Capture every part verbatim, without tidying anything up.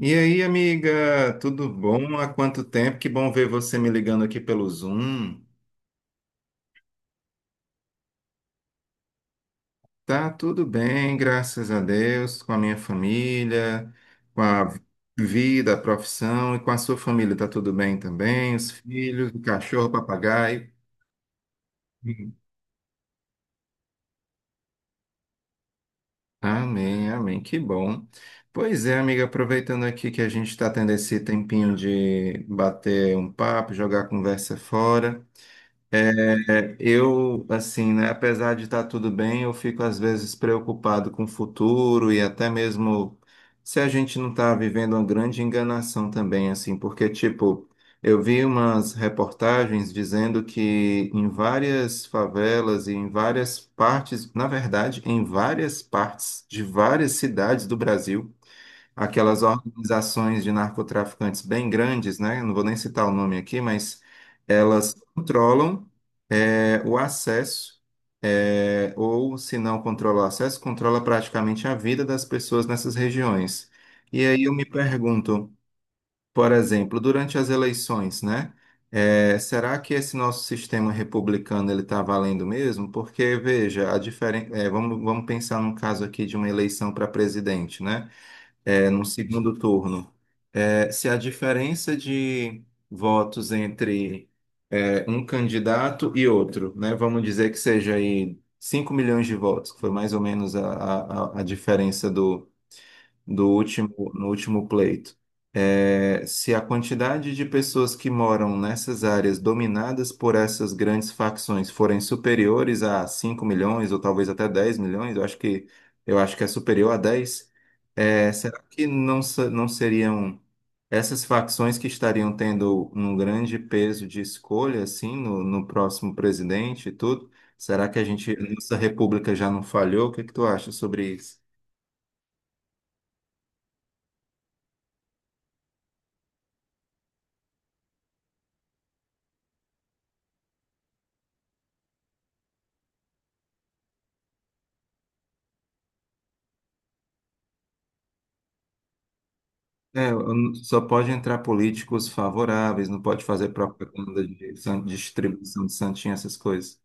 E aí, amiga, tudo bom? Há quanto tempo? Que bom ver você me ligando aqui pelo Zoom. Tá tudo bem, graças a Deus, com a minha família, com a vida, a profissão e com a sua família. Tá tudo bem também? Os filhos, o cachorro, o papagaio. Hum. Amém, amém, que bom. Pois é, amiga, aproveitando aqui que a gente está tendo esse tempinho de bater um papo, jogar a conversa fora. É, eu, assim, né, apesar de estar tudo bem, eu fico às vezes preocupado com o futuro e até mesmo se a gente não está vivendo uma grande enganação também, assim, porque, tipo, eu vi umas reportagens dizendo que em várias favelas e em várias partes, na verdade, em várias partes de várias cidades do Brasil, aquelas organizações de narcotraficantes bem grandes, né, não vou nem citar o nome aqui, mas elas controlam é, o acesso, é, ou se não controla o acesso, controla praticamente a vida das pessoas nessas regiões. E aí eu me pergunto, por exemplo, durante as eleições, né? é, será que esse nosso sistema republicano ele está valendo mesmo? Porque veja, a diferen... é, vamos, vamos pensar num caso aqui de uma eleição para presidente, né? É, no segundo turno, é, se a diferença de votos entre é, um candidato e outro, né, vamos dizer que seja aí cinco milhões de votos, que foi mais ou menos a, a, a a diferença do, do último, no último pleito. É, se a quantidade de pessoas que moram nessas áreas dominadas por essas grandes facções forem superiores a cinco milhões ou talvez até dez milhões, eu acho que, eu acho que é superior a dez, é, será que não, se- não seriam essas facções que estariam tendo um grande peso de escolha assim no, no próximo presidente e tudo? Será que a gente, a nossa república já não falhou? O que é que tu acha sobre isso? É, eu- só pode entrar políticos favoráveis, não pode fazer propaganda de san- distribuição de santinha, essas coisas.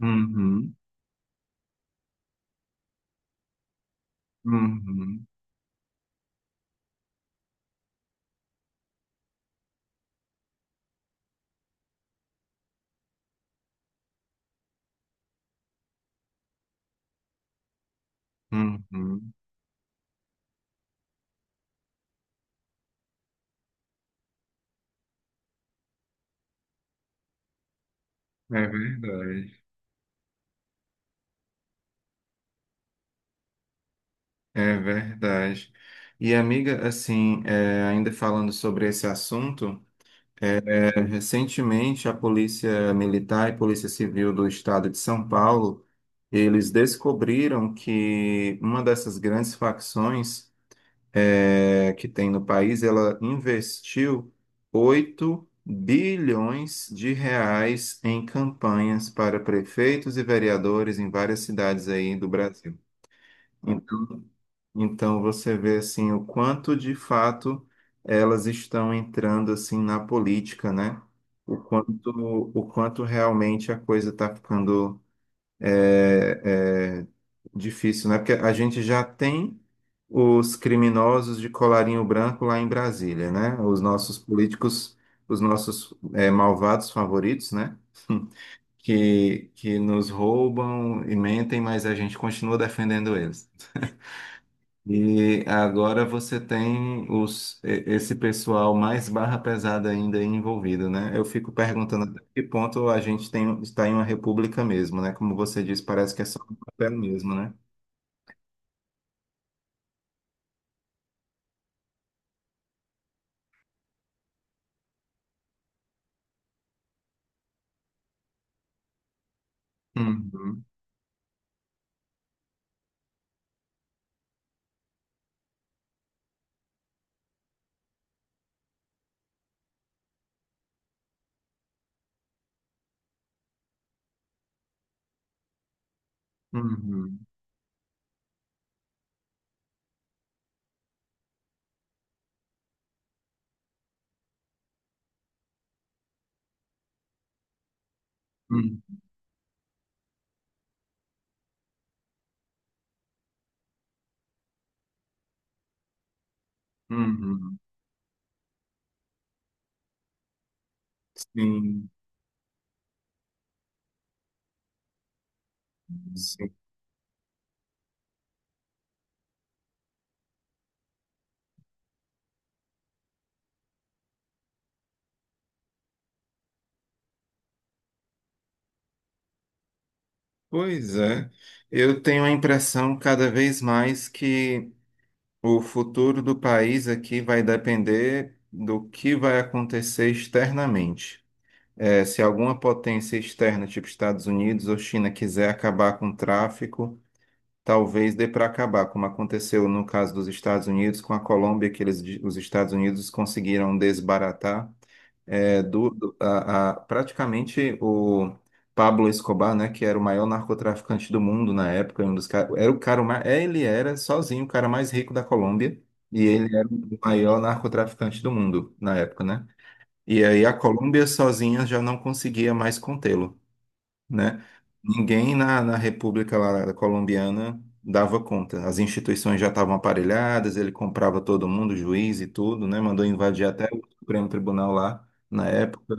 Uhum, uhum, uhum. É verdade, é verdade. E amiga, assim, é, ainda falando sobre esse assunto, é, recentemente a Polícia Militar e Polícia Civil do Estado de São Paulo, eles descobriram que uma dessas grandes facções é, que tem no país, ela investiu oito bilhões de reais em campanhas para prefeitos e vereadores em várias cidades aí do Brasil. Então, então você vê assim o quanto de fato elas estão entrando assim na política, né? O quanto, o quanto realmente a coisa está ficando é, é difícil, né? Porque a gente já tem os criminosos de colarinho branco lá em Brasília, né? Os nossos políticos, os nossos é, malvados favoritos, né? Que, que nos roubam e mentem, mas a gente continua defendendo eles. E agora você tem os, e- esse pessoal mais barra pesada ainda envolvido, né? Eu fico perguntando até que ponto a gente tem, está em uma república mesmo, né? Como você disse, parece que é só um papel mesmo, né? Uhum, uhum, uhum, uhum. Sim, sim. Pois é. Eu tenho a impressão cada vez mais que o futuro do país aqui vai depender do que vai acontecer externamente. É, se alguma potência externa, tipo Estados Unidos ou China, quiser acabar com o tráfico, talvez dê para acabar, como aconteceu no caso dos Estados Unidos com a Colômbia, que eles, os Estados Unidos conseguiram desbaratar é, do, do- a, a- praticamente o Pablo Escobar, né, que era o maior narcotraficante do mundo na época, um dos, ca- era o cara mais, ele era sozinho o cara mais rico da Colômbia, e ele era o maior narcotraficante do mundo na época, né? E aí a Colômbia sozinha já não conseguia mais contê-lo, né? Ninguém na, na República lá Colombiana dava conta. As instituições já estavam aparelhadas, ele comprava todo mundo, juiz e tudo, né? Mandou invadir até o Supremo Tribunal lá na época.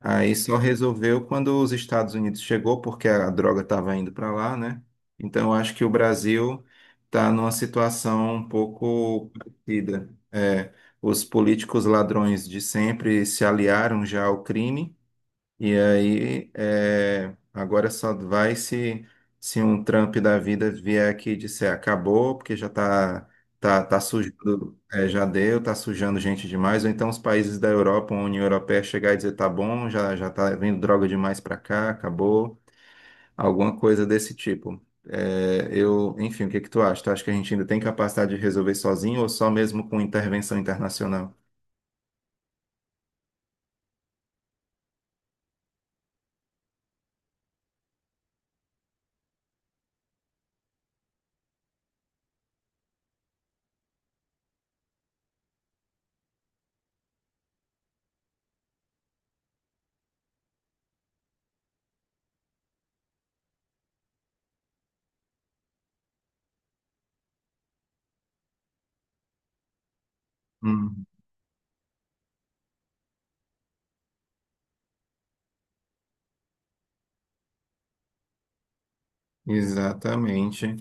Aí só resolveu quando os Estados Unidos chegou, porque a droga estava indo para lá, né? Então eu acho que o Brasil está numa situação um pouco parecida. É, os políticos ladrões de sempre se aliaram já ao crime. E aí, é, agora só vai se, se um Trump da vida vier aqui e disser acabou, porque já tá, tá, tá, sujando, é, já deu, tá sujando gente demais. Ou então os países da Europa, a União Europeia chegar e dizer tá bom, já, já tá vindo droga demais para cá, acabou. Alguma coisa desse tipo. É, eu, enfim, o que que tu acha? Tu acha que a gente ainda tem capacidade de resolver sozinho ou só mesmo com intervenção internacional? Hum, exatamente.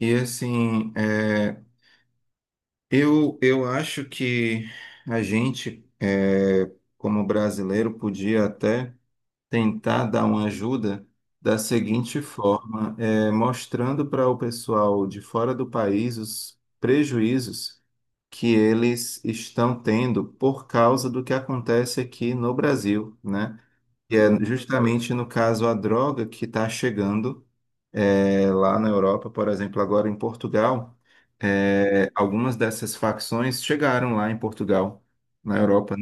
E assim, é, Eu, eu acho que a gente, eh, como brasileiro, podia até tentar dar uma ajuda da seguinte forma, eh, mostrando para o pessoal de fora do país os prejuízos que eles estão tendo por causa do que acontece aqui no Brasil, né? E é justamente no caso a droga que está chegando. É, lá na Europa, por exemplo, agora em Portugal, é, algumas dessas facções chegaram lá em Portugal, na Europa,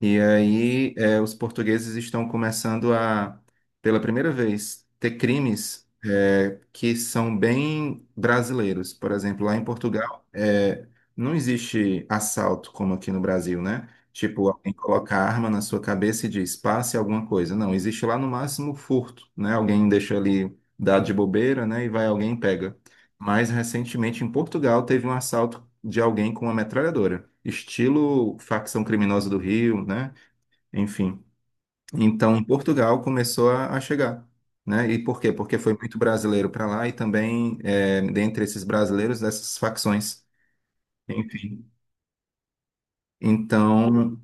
e aí, eh, os portugueses estão começando a, pela primeira vez, ter crimes, eh, que são bem brasileiros. Por exemplo, lá em Portugal, eh, não existe assalto como aqui no Brasil, né? Tipo, alguém coloca a arma na sua cabeça e diz, passe alguma coisa. Não, existe lá no máximo furto, né? Alguém deixa ali, dá de bobeira, né? E vai alguém e pega. Mas recentemente em Portugal teve um assalto de alguém com uma metralhadora, estilo facção criminosa do Rio, né? Enfim. Então, Portugal começou a, a chegar, né? E por quê? Porque foi muito brasileiro para lá e também, é, dentre esses brasileiros, dessas facções. Enfim. Então,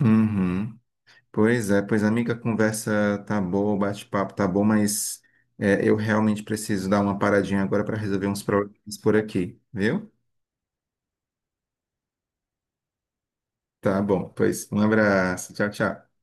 uhum. Pois é, pois amiga, a conversa tá boa, o bate-papo tá bom, mas é, eu realmente preciso dar uma paradinha agora para resolver uns problemas por aqui, viu? Tá bom, pois um abraço, tchau, tchau.